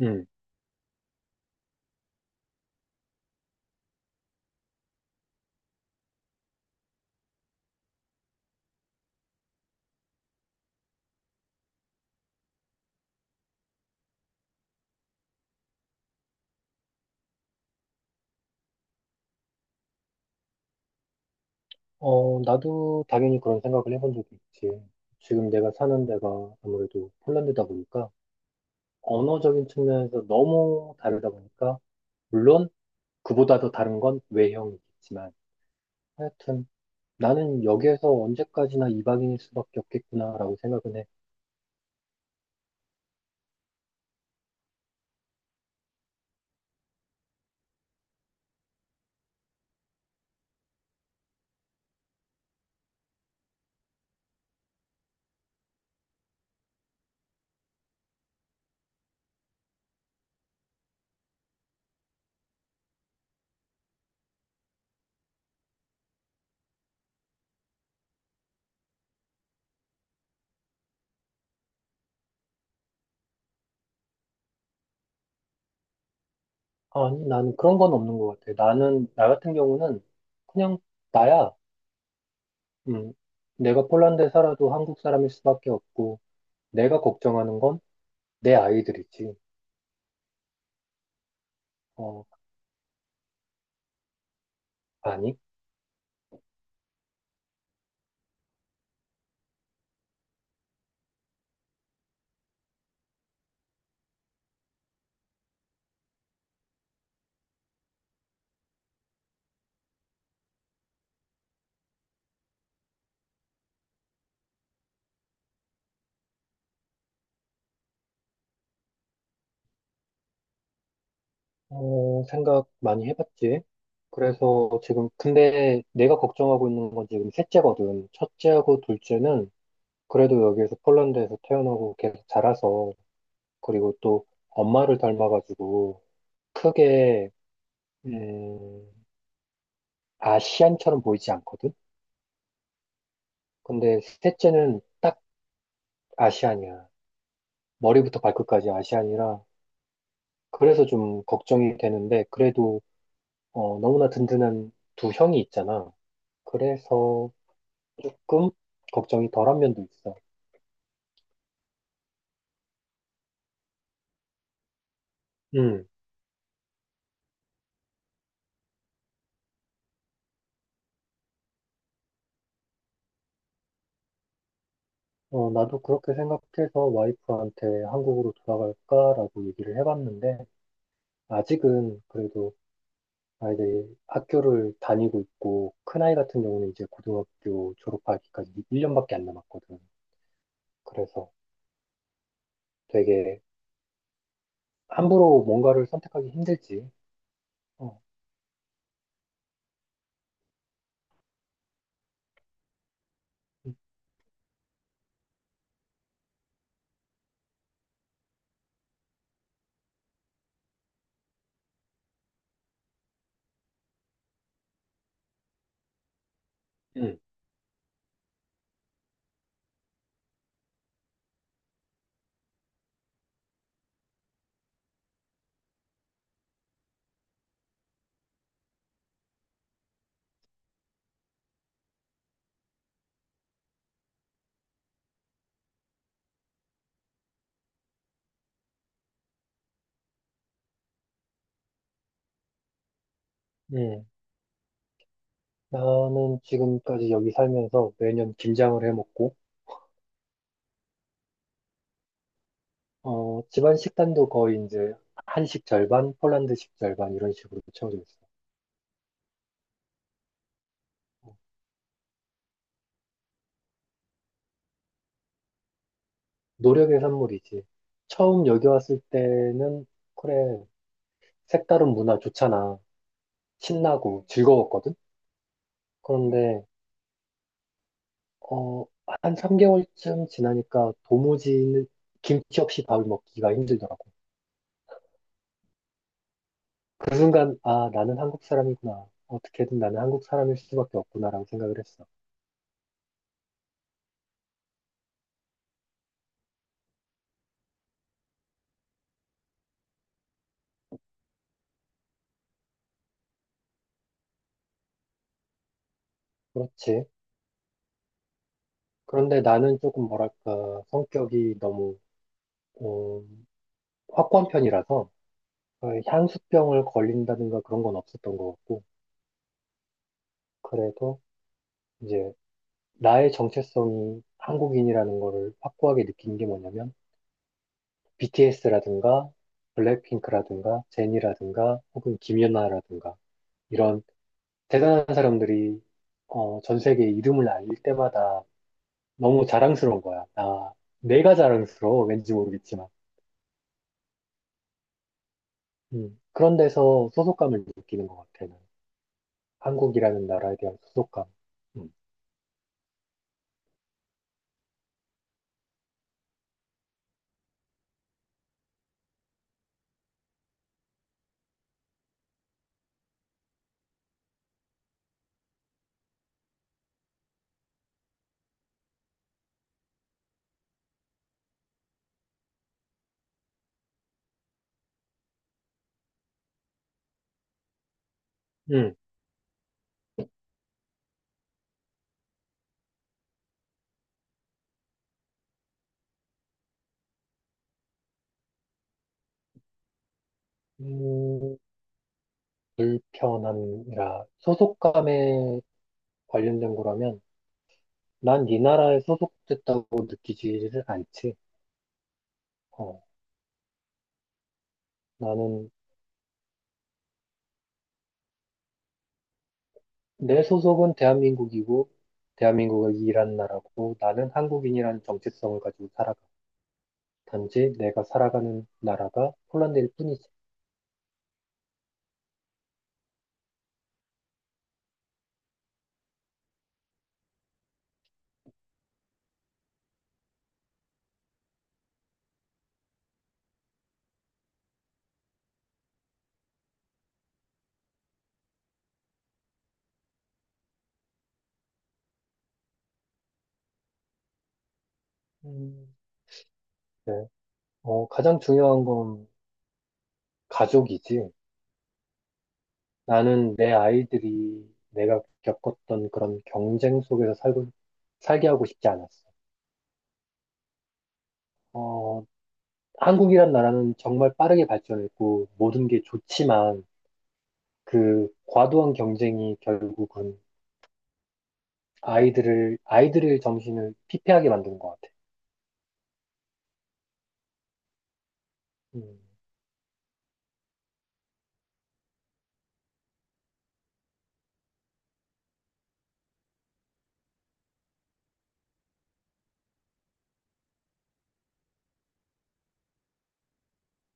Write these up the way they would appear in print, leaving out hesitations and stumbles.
음. 어, 나도 당연히 그런 생각을 해본 적이 있지. 지금 내가 사는 데가 아무래도 폴란드다 보니까 언어적인 측면에서 너무 다르다 보니까 물론 그보다 더 다른 건 외형이겠지만 하여튼 나는 여기에서 언제까지나 이방인일 수밖에 없겠구나라고 생각은 해. 아니, 나는 그런 건 없는 것 같아. 나 같은 경우는 그냥 나야. 음, 내가 폴란드에 살아도 한국 사람일 수밖에 없고 내가 걱정하는 건 내 아이들이지. 어, 아니. 어, 생각 많이 해봤지. 그래서 근데 내가 걱정하고 있는 건 지금 셋째거든. 첫째하고 둘째는 그래도 여기에서 폴란드에서 태어나고 계속 자라서, 그리고 또 엄마를 닮아가지고 크게, 음, 아시안처럼 보이지 않거든? 근데 셋째는 딱 아시안이야. 머리부터 발끝까지 아시안이라. 그래서 좀 걱정이 되는데, 그래도, 너무나 든든한 두 형이 있잖아. 그래서, 조금 걱정이 덜한 면도 있어. 음, 나도 그렇게 생각해서 와이프한테 한국으로 돌아갈까라고 얘기를 해봤는데, 아직은 그래도 아이들이 학교를 다니고 있고, 큰아이 같은 경우는 이제 고등학교 졸업하기까지 1년밖에 안 남았거든. 그래서 되게 함부로 뭔가를 선택하기 힘들지. 어. 음. 음. 나는 지금까지 여기 살면서 매년 김장을 해먹고, 집안 식단도 거의 이제 한식 절반, 폴란드식 절반 이런 식으로 채워져 있어. 노력의 산물이지. 처음 여기 왔을 때는 그래 색다른 문화 좋잖아. 신나고 즐거웠거든. 그런데 어, 한 3개월쯤 지나니까 도무지 김치 없이 밥을 먹기가 힘들더라고. 그 순간 아 나는 한국 사람이구나. 어떻게든 나는 한국 사람일 수밖에 없구나라고 생각을 했어. 그렇지. 그런데 나는 조금 뭐랄까 성격이 너무 어, 확고한 편이라서 향수병을 걸린다든가 그런 건 없었던 것 같고 그래도 이제 나의 정체성이 한국인이라는 거를 확고하게 느낀 게 뭐냐면 BTS라든가 블랙핑크라든가 제니라든가 혹은 김연아라든가 이런 대단한 사람들이 전 세계에 이름을 알릴 때마다 너무 자랑스러운 거야. 나 내가 자랑스러워 왠지 모르겠지만 그런 데서 소속감을 느끼는 것 같아. 나는. 한국이라는 나라에 대한 소속감. 음. 음. 음, 불편함이라 소속감에 관련된 거라면 난 이 나라에 소속됐다고 느끼지를 않지. 어, 나는 내 소속은 대한민국이고 대한민국을 이란 나라고 나는 한국인이라는 정체성을 가지고 살아가. 단지 내가 살아가는 나라가 폴란드일 뿐이지. 음, 네. 가장 중요한 건 가족이지. 나는 내 아이들이 내가 겪었던 그런 경쟁 속에서 살게 하고 싶지 않았어. 어, 한국이란 나라는 정말 빠르게 발전했고 모든 게 좋지만 그 과도한 경쟁이 결국은 아이들을 아이들의 정신을 피폐하게 만드는 것 같아. 음.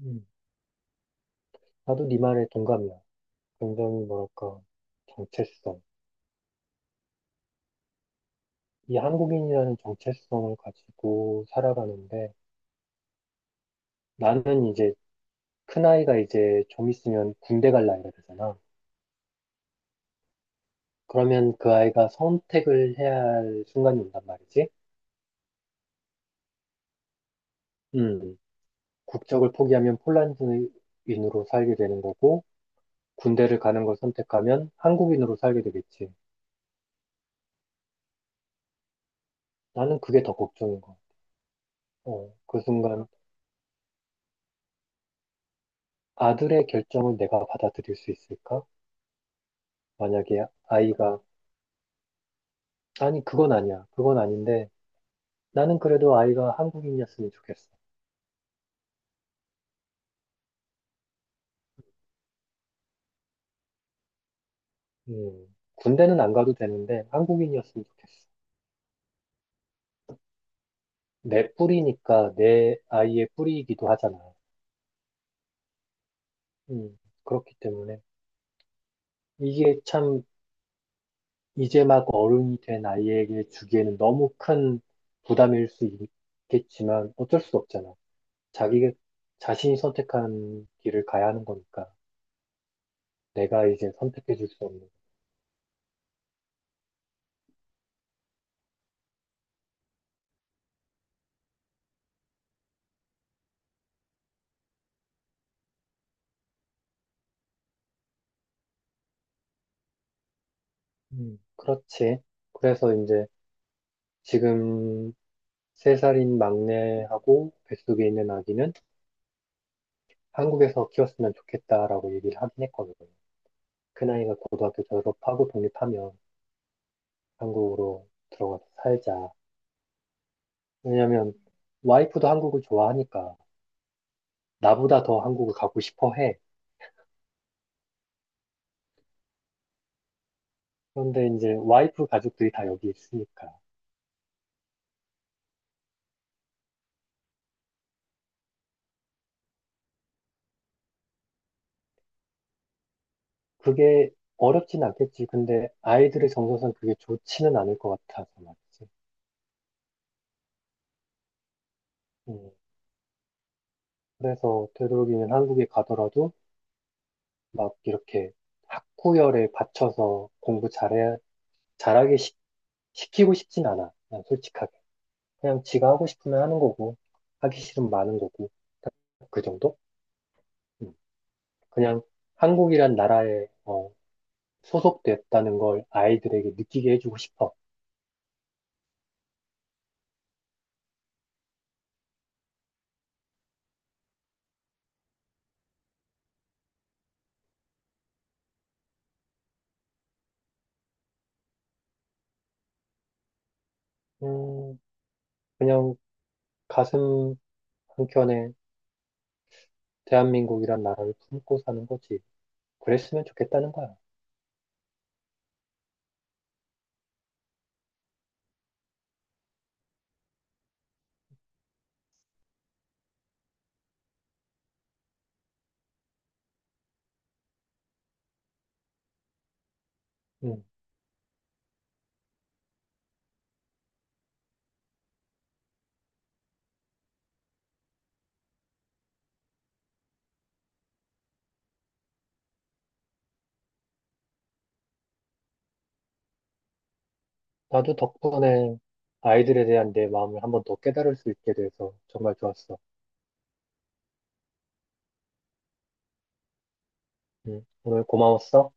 음. 나도 네 말에 동감이야. 굉장히 뭐랄까 정체성. 이 한국인이라는 정체성을 가지고 살아가는데 나는 이제 큰 아이가 이제 좀 있으면 군대 갈 나이가 되잖아. 그러면 그 아이가 선택을 해야 할 순간이 온단 말이지. 음. 국적을 포기하면 폴란드인으로 살게 되는 거고, 군대를 가는 걸 선택하면 한국인으로 살게 되겠지. 나는 그게 더 걱정인 거. 그 순간 아들의 결정을 내가 받아들일 수 있을까? 만약에 아이가, 아니, 그건 아니야. 그건 아닌데, 나는 그래도 아이가 한국인이었으면 좋겠어. 군대는 안 가도 되는데, 한국인이었으면 좋겠어. 내 뿌리니까 내 아이의 뿌리이기도 하잖아. 음, 그렇기 때문에. 이게 참 이제 막 어른이 된 아이에게 주기에는 너무 큰 부담일 수 있겠지만 어쩔 수 없잖아. 자기, 자신이 선택한 길을 가야 하는 거니까. 내가 이제 선택해 줄 수 없는 거. 그렇지. 그래서 이제 지금 세살인 막내하고 뱃속에 있는 아기는 한국에서 키웠으면 좋겠다라고 얘기를 하긴 했거든요. 큰 아이가 고등학교 졸업하고 독립하면 한국으로 들어가서 살자. 왜냐면 와이프도 한국을 좋아하니까. 나보다 더 한국을 가고 싶어 해. 그런데 이제 와이프 가족들이 다 여기 있으니까. 그게 어렵진 않겠지. 근데 아이들의 정서상 그게 좋지는 않을 것 같아서 말이지. 음, 그래서 되도록이면 한국에 가더라도 막 이렇게 학구열에 받쳐서 잘하게 키고 싶진 않아. 난 솔직하게. 그냥 지가 하고 싶으면 하는 거고, 하기 싫으면 마는 거고, 그 정도? 음, 그냥 한국이란 나라의 소속됐다는 걸 아이들에게 느끼게 해주고 싶어. 음, 그냥 가슴 한켠에 대한민국이란 나라를 품고 사는 거지. 그랬으면 좋겠다는 거야. 음, 나도 덕분에 아이들에 대한 내 마음을 한번 더 깨달을 수 있게 돼서 정말 좋았어. 오늘 고마웠어.